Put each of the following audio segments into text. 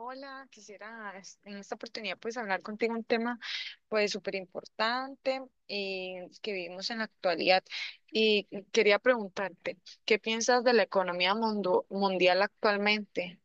Hola, quisiera en esta oportunidad pues hablar contigo un tema pues súper importante, que vivimos en la actualidad y quería preguntarte, ¿qué piensas de la economía mundial actualmente?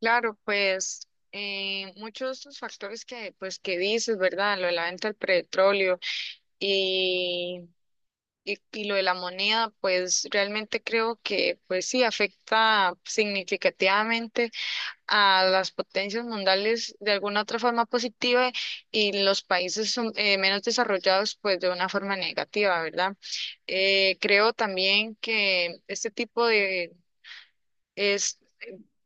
Claro, pues muchos de estos factores que pues que dices, ¿verdad? Lo de la venta del petróleo y, y lo de la moneda, pues realmente creo que pues sí afecta significativamente a las potencias mundiales de alguna otra forma positiva y los países menos desarrollados pues de una forma negativa, ¿verdad? Creo también que este tipo es-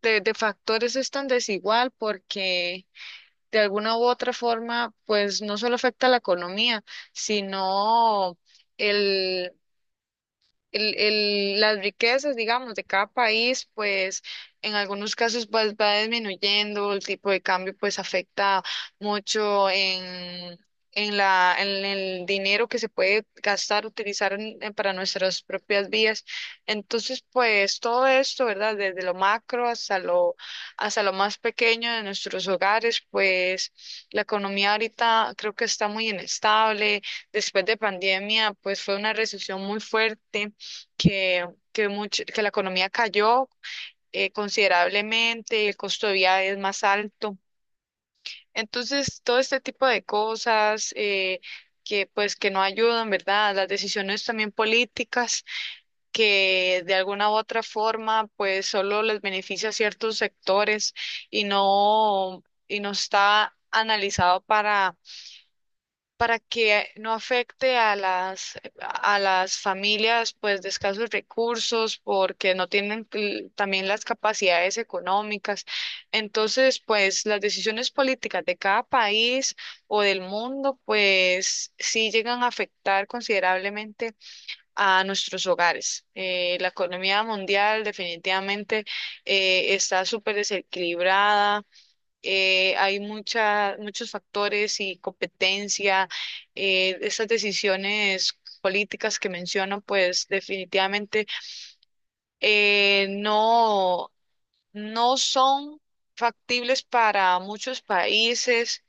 de factores es tan desigual porque de alguna u otra forma pues no solo afecta a la economía, sino las riquezas, digamos, de cada país, pues en algunos casos pues, va disminuyendo, el tipo de cambio pues afecta mucho en la, en el dinero que se puede gastar, utilizar para nuestras propias vías. Entonces, pues todo esto, ¿verdad? Desde lo macro hasta hasta lo más pequeño de nuestros hogares, pues la economía ahorita creo que está muy inestable. Después de pandemia, pues fue una recesión muy fuerte que la economía cayó considerablemente, el costo de vida es más alto. Entonces, todo este tipo de cosas, que pues que no ayudan, ¿verdad? Las decisiones también políticas que de alguna u otra forma pues solo les beneficia a ciertos sectores y no, y no está analizado para que no afecte a a las familias pues de escasos recursos porque no tienen también las capacidades económicas. Entonces, pues las decisiones políticas de cada país o del mundo pues sí llegan a afectar considerablemente a nuestros hogares. La economía mundial definitivamente está súper desequilibrada, hay muchos factores y competencia. Esas decisiones políticas que menciono, pues definitivamente, eh, no, no son factibles para muchos países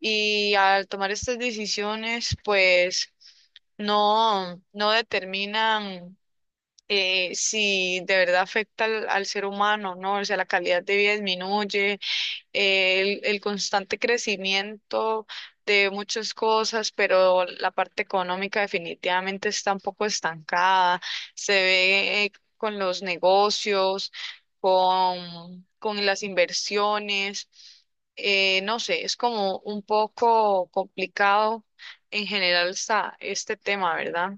y al tomar estas decisiones, pues no determinan si de verdad afecta al ser humano, ¿no? O sea, la calidad de vida disminuye el constante crecimiento de muchas cosas, pero la parte económica definitivamente está un poco estancada. Se ve, con los negocios, con las inversiones. No sé, es como un poco complicado, en general está este tema, ¿verdad?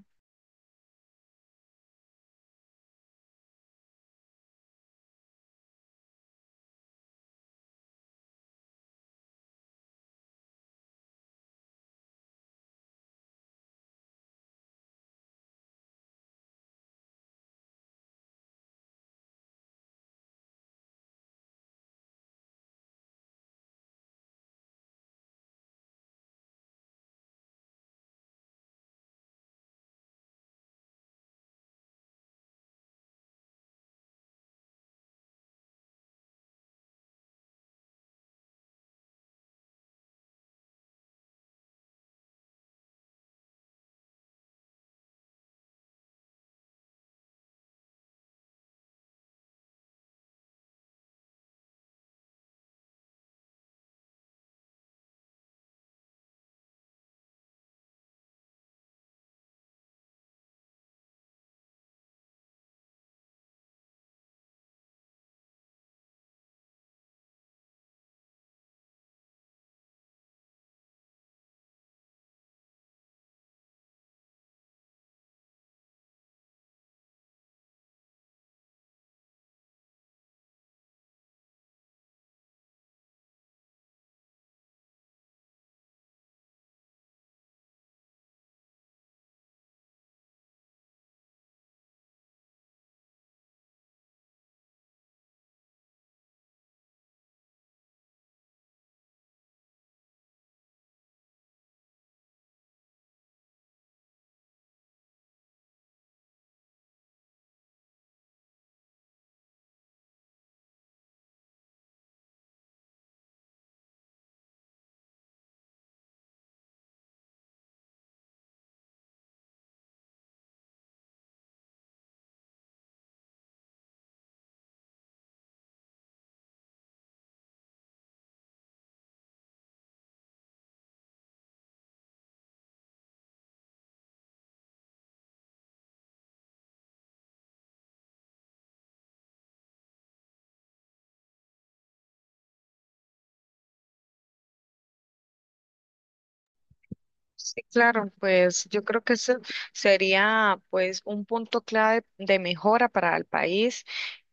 Sí, claro, pues yo creo que ese sería pues un punto clave de mejora para el país.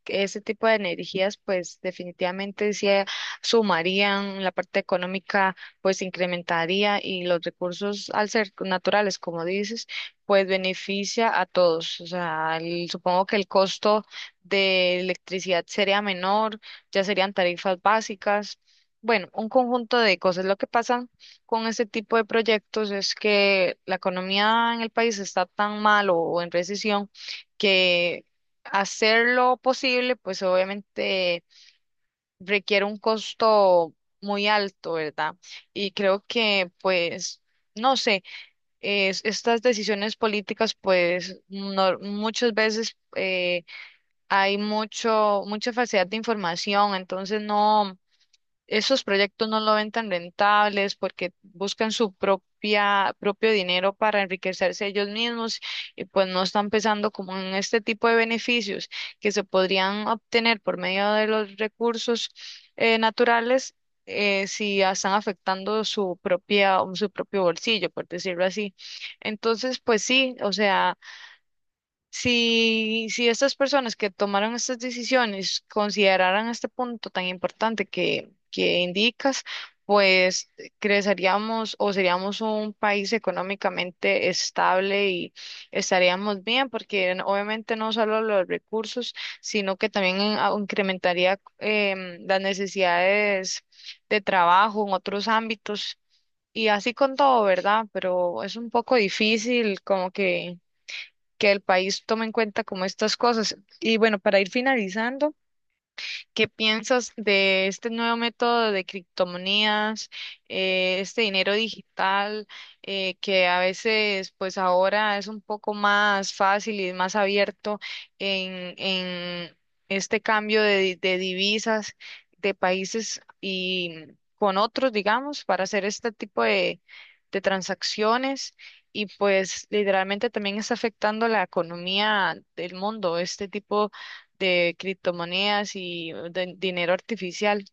Que Ese tipo de energías pues definitivamente se sumarían, la parte económica pues incrementaría y los recursos al ser naturales, como dices, pues beneficia a todos. O sea, supongo que el costo de electricidad sería menor, ya serían tarifas básicas. Bueno, un conjunto de cosas. Lo que pasa con ese tipo de proyectos es que la economía en el país está tan mal o en recesión que hacer lo posible, pues obviamente requiere un costo muy alto, ¿verdad? Y creo que, pues, no sé, estas decisiones políticas, pues, muchas veces, hay mucha falsedad de información, entonces no, esos proyectos no lo ven tan rentables porque buscan su propio dinero para enriquecerse ellos mismos y pues no están pensando como en este tipo de beneficios que se podrían obtener por medio de los recursos, naturales, si ya están afectando su su propio bolsillo, por decirlo así. Entonces, pues sí, o sea. Si estas personas que tomaron estas decisiones consideraran este punto tan importante que indicas, pues creceríamos o seríamos un país económicamente estable y estaríamos bien, porque obviamente no solo los recursos, sino que también incrementaría las necesidades de trabajo en otros ámbitos. Y así con todo, ¿verdad? Pero es un poco difícil como que el país tome en cuenta como estas cosas. Y bueno, para ir finalizando. ¿Qué piensas de este nuevo método de criptomonedas, este dinero digital, que a veces, pues ahora es un poco más fácil y más abierto en este cambio de divisas de países y con otros, digamos, para hacer este tipo de transacciones? Y pues literalmente también está afectando la economía del mundo, este tipo de criptomonedas y de dinero artificial.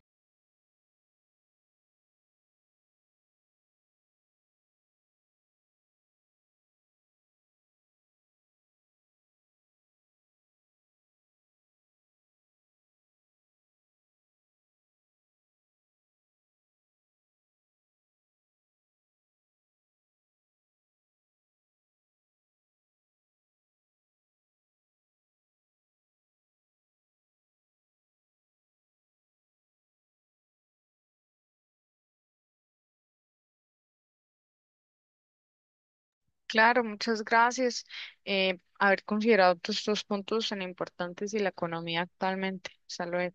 Claro, muchas gracias. Haber considerado todos estos puntos tan importantes y la economía actualmente. Hasta luego.